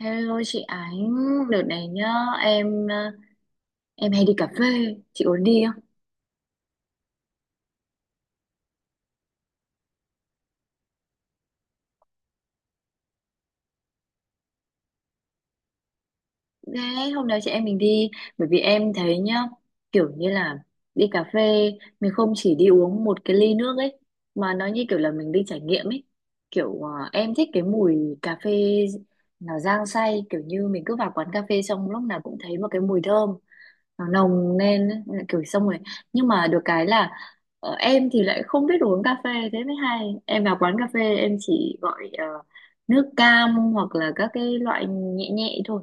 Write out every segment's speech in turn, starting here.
Hello chị Ánh, đợt này nhá, em ờ, em hay đi cà phê, chị muốn đi không? Đấy, hôm nào chị em mình đi, bởi vì em thấy nhá, kiểu như là đi cà phê mình không chỉ đi uống một cái ly nước ấy, mà nó như kiểu là mình đi trải nghiệm ấy. Kiểu em thích cái mùi cà phê nó rang say, kiểu như mình cứ vào quán cà phê xong lúc nào cũng thấy một cái mùi thơm, nó nồng lên ấy, nên là kiểu xong rồi. Nhưng mà được cái là em thì lại không biết đồ uống cà phê thế mới hay, em vào quán cà phê em chỉ gọi nước cam hoặc là các cái loại nhẹ nhẹ thôi.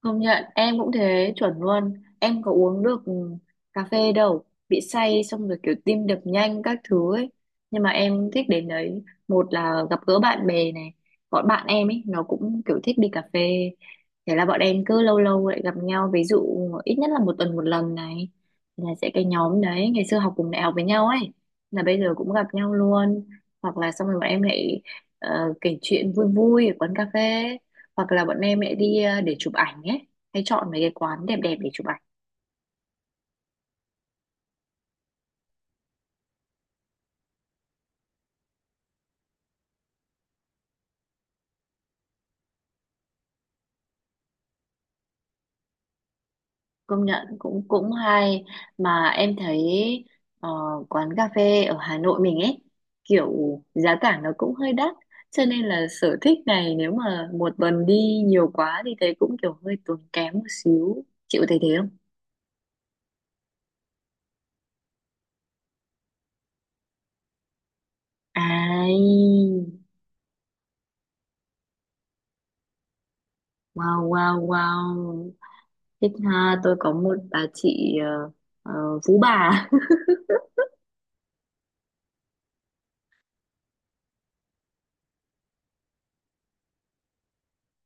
Công nhận em cũng thế, chuẩn luôn, em có uống được cà phê đâu, bị say xong rồi kiểu tim đập nhanh các thứ ấy. Nhưng mà em thích đến đấy, một là gặp gỡ bạn bè này, bọn bạn em ấy nó cũng kiểu thích đi cà phê, thế là bọn em cứ lâu lâu lại gặp nhau, ví dụ ít nhất là một tuần một lần này, là sẽ cái nhóm đấy ngày xưa học cùng đại học với nhau ấy, là bây giờ cũng gặp nhau luôn. Hoặc là xong rồi bọn em lại kể chuyện vui vui ở quán cà phê, hoặc là bọn em lại đi để chụp ảnh ấy, hay chọn mấy cái quán đẹp đẹp để chụp ảnh. Công nhận cũng cũng hay. Mà em thấy ờ, quán cà phê ở Hà Nội mình ấy kiểu giá cả nó cũng hơi đắt, cho nên là sở thích này nếu mà một tuần đi nhiều quá thì thấy cũng kiểu hơi tốn kém một xíu, chịu thấy thế không? Ai, wow wow wow, thích ha, tôi có một bà chị phú bà.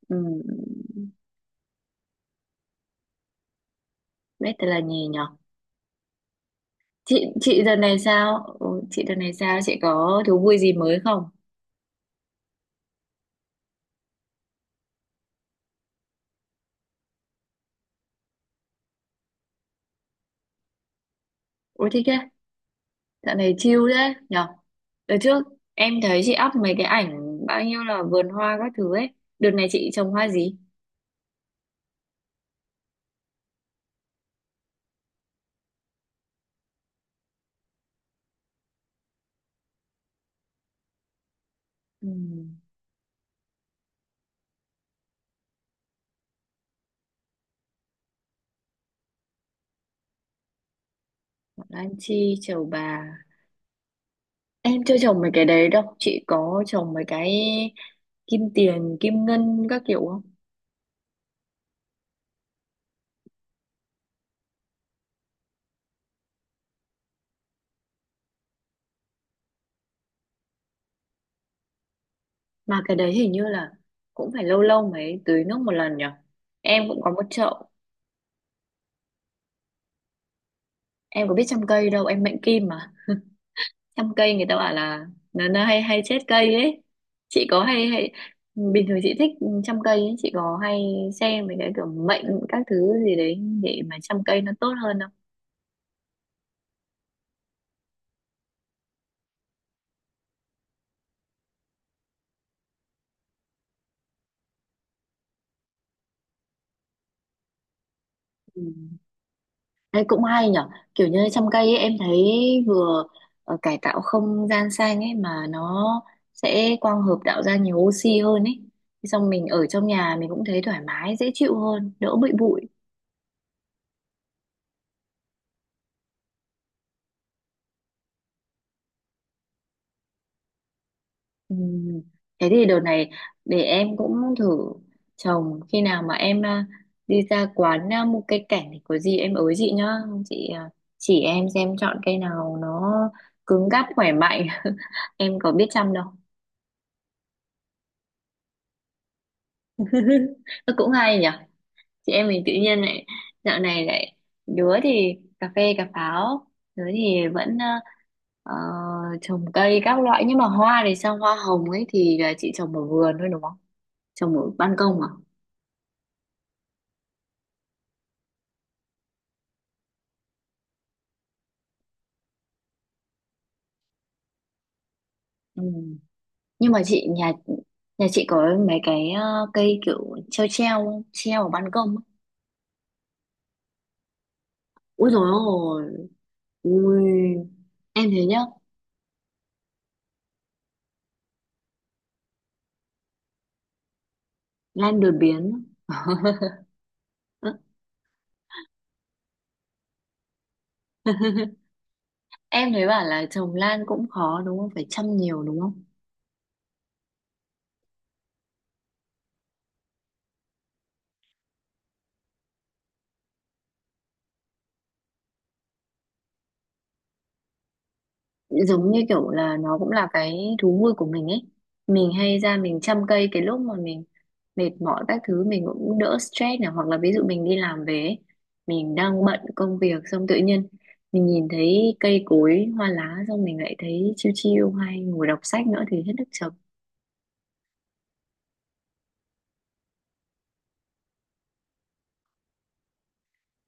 Ừ, biết tên là gì nhỉ. Chị đợt này sao? Ủa, chị đợt này sao, chị có thú vui gì mới không? Ôi thích thế, dạo này chill đấy nhở. Đợt trước em thấy chị up mấy cái ảnh bao nhiêu là vườn hoa các thứ ấy, đợt này chị trồng hoa gì? Ừm, Ngọc Lan Chi, trầu bà. Em chưa trồng mấy cái đấy đâu, chị có trồng mấy cái kim tiền kim ngân các kiểu không? Mà cái đấy hình như là cũng phải lâu lâu mới tưới nước một lần nhở, em cũng có một chậu. Em có biết chăm cây đâu, em mệnh kim, chăm cây người ta bảo là nó hay hay chết cây ấy. Chị có hay hay bình thường chị thích chăm cây ấy, chị có hay xem mấy cái kiểu mệnh các thứ gì đấy để mà chăm cây nó tốt hơn không? Ừ. Đấy cũng hay nhở, kiểu như chăm cây ấy em thấy vừa cải tạo không gian xanh ấy, mà nó sẽ quang hợp tạo ra nhiều oxy hơn ấy. Thế xong mình ở trong nhà mình cũng thấy thoải mái dễ chịu hơn, đỡ bụi bụi. Ừ. Thế thì đợt này để em cũng thử trồng, khi nào mà em đi ra quán mua cây cảnh thì có gì em ới chị nhá, chị chỉ em xem chọn cây nào nó cứng cáp khỏe mạnh. Em có biết chăm đâu. Nó cũng hay nhỉ, chị em mình tự nhiên lại dạo này lại, đứa thì cà phê cà pháo, đứa thì vẫn ờ, trồng cây các loại. Nhưng mà hoa thì sao, hoa hồng ấy thì là chị trồng ở vườn thôi đúng không, trồng ở ban công à? Ừ. Nhưng mà chị nhà nhà chị có mấy cái cây kiểu treo treo, treo ở ban công ấy. Ui dồi ôi, ui. Em thấy nhá, lan đột biến. Ơ, em thấy bảo là trồng lan cũng khó đúng không, phải chăm nhiều đúng không? Giống như kiểu là nó cũng là cái thú vui của mình ấy, mình hay ra mình chăm cây, cái lúc mà mình mệt mỏi các thứ mình cũng đỡ stress này, hoặc là ví dụ mình đi làm về ấy, mình đang bận công việc xong tự nhiên mình nhìn thấy cây cối hoa lá, xong mình lại thấy chill chill, hay ngồi đọc sách nữa thì hết nước chấm.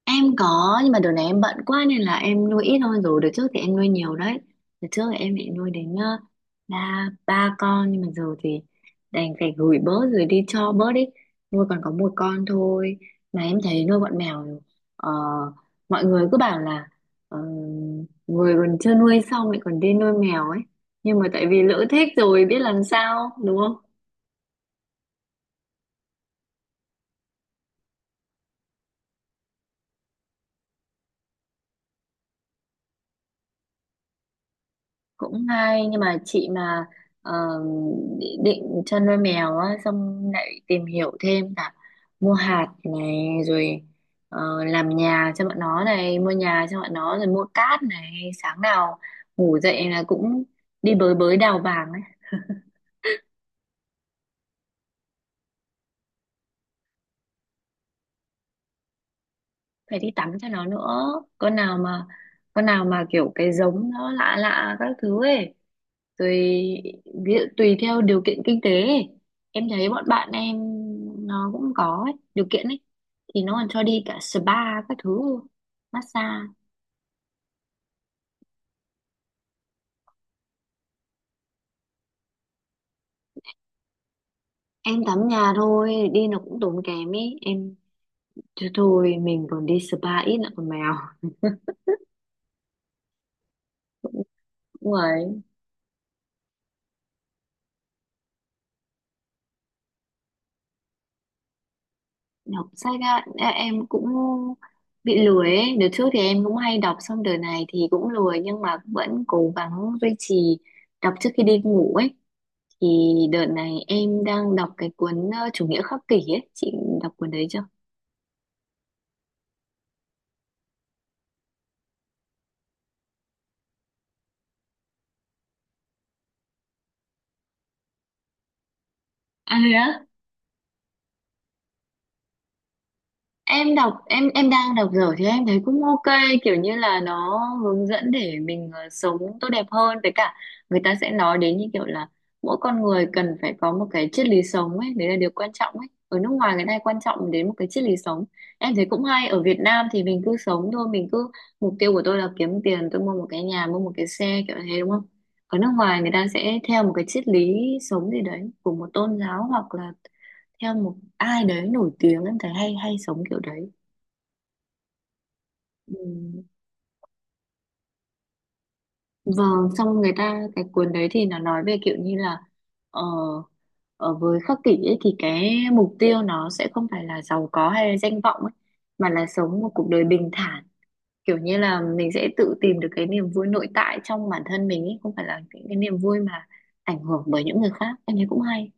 Em có, nhưng mà đợt này em bận quá nên là em nuôi ít thôi, rồi đợt trước thì em nuôi nhiều đấy. Đợt trước thì em lại nuôi đến ba ba con, nhưng mà giờ thì đành phải gửi bớt rồi, đi cho bớt đi, nuôi còn có một con thôi. Mà em thấy nuôi bọn mèo ờ, mọi người cứ bảo là ờ, người còn chưa nuôi xong lại còn đi nuôi mèo ấy, nhưng mà tại vì lỡ thích rồi biết làm sao đúng không. Cũng hay, nhưng mà chị mà ờ, định định cho nuôi mèo á, xong lại tìm hiểu thêm, cả mua hạt này, rồi làm nhà cho bọn nó này, mua nhà cho bọn nó, rồi mua cát này, sáng nào ngủ dậy là cũng đi bới bới đào vàng ấy, phải đi tắm cho nó nữa. Con nào mà con nào mà kiểu cái giống nó lạ lạ các thứ ấy, tùy, ví dụ tùy theo điều kiện kinh tế ấy. Em thấy bọn bạn em nó cũng có ấy điều kiện ấy, thì nó còn cho đi cả spa các thứ, massage. Em tắm nhà thôi đi nó cũng tốn kém ấy em, thôi thôi mình còn đi spa ít lại còn mèo. Đúng rồi. Đọc sách á, ê, em cũng bị lười ấy, đợt trước thì em cũng hay đọc, xong đợt này thì cũng lười nhưng mà vẫn cố gắng duy trì đọc trước khi đi ngủ ấy. Thì đợt này em đang đọc cái cuốn Chủ nghĩa khắc kỷ ấy, chị đọc cuốn đấy chưa? À thế á? Em đọc, em đang đọc dở thì em thấy cũng ok, kiểu như là nó hướng dẫn để mình sống tốt đẹp hơn. Với cả người ta sẽ nói đến như kiểu là mỗi con người cần phải có một cái triết lý sống ấy, đấy là điều quan trọng ấy, ở nước ngoài người ta hay quan trọng đến một cái triết lý sống. Em thấy cũng hay, ở Việt Nam thì mình cứ sống thôi, mình cứ mục tiêu của tôi là kiếm tiền, tôi mua một cái nhà mua một cái xe kiểu thế đúng không. Ở nước ngoài người ta sẽ theo một cái triết lý sống gì đấy của một tôn giáo hoặc là theo một ai đấy nổi tiếng, em thấy hay, hay sống kiểu đấy. Ừ. Vâng, xong người ta cái cuốn đấy thì nó nói về kiểu như là ờ, ở với khắc kỷ ấy thì cái mục tiêu nó sẽ không phải là giàu có hay là danh vọng ấy, mà là sống một cuộc đời bình thản, kiểu như là mình sẽ tự tìm được cái niềm vui nội tại trong bản thân mình ấy, không phải là những cái niềm vui mà ảnh hưởng bởi những người khác. Em thấy cũng hay.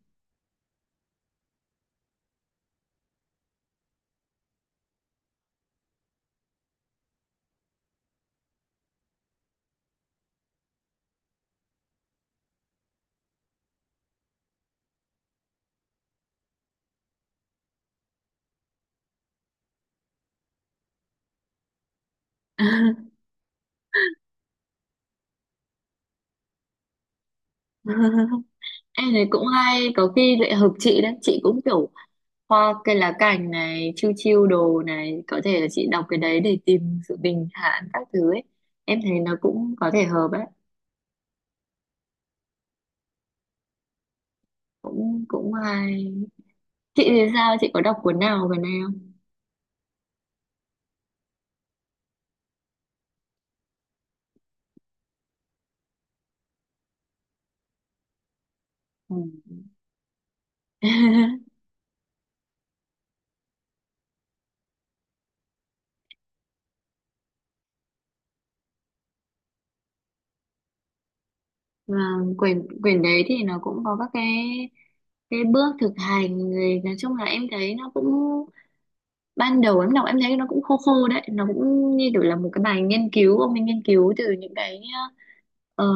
Em thấy cũng hay, có khi lại hợp chị đấy, chị cũng kiểu hoa cây lá cành này, chiêu chiêu đồ này, có thể là chị đọc cái đấy để tìm sự bình thản các thứ ấy, em thấy nó cũng có thể hợp ấy. Cũng cũng hay. Chị thì sao, chị có đọc cuốn nào gần đây không? Ừ. Và quyển quyển đấy thì nó cũng có các cái bước thực hành, rồi nói chung là em thấy nó cũng ban đầu em đọc em thấy nó cũng khô khô đấy, nó cũng như kiểu là một cái bài nghiên cứu. Ông ấy nghiên cứu từ những cái ờ,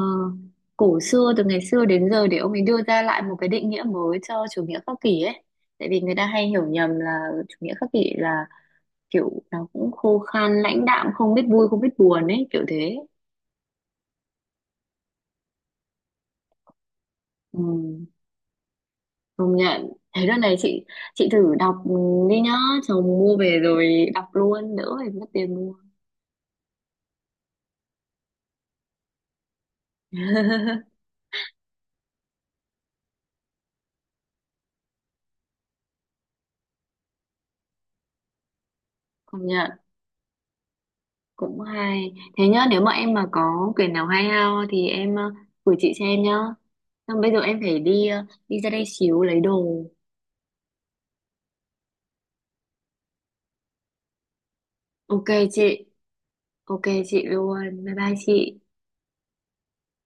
cổ xưa từ ngày xưa đến giờ để ông ấy đưa ra lại một cái định nghĩa mới cho chủ nghĩa khắc kỷ ấy, tại vì người ta hay hiểu nhầm là chủ nghĩa khắc kỷ là kiểu nó cũng khô khan lãnh đạm, không biết vui không biết buồn ấy kiểu thế. Ừ, công nhận thế, đợt này chị thử đọc đi nhá, chồng mua về rồi đọc luôn đỡ phải mất tiền mua. Công nhận cũng hay. Thế nhá, nếu mà em mà có quyển nào hay ho thì em gửi chị xem nhá. Xong bây giờ em phải đi đi ra đây xíu lấy đồ. Ok chị, ok chị luôn. Bye bye chị.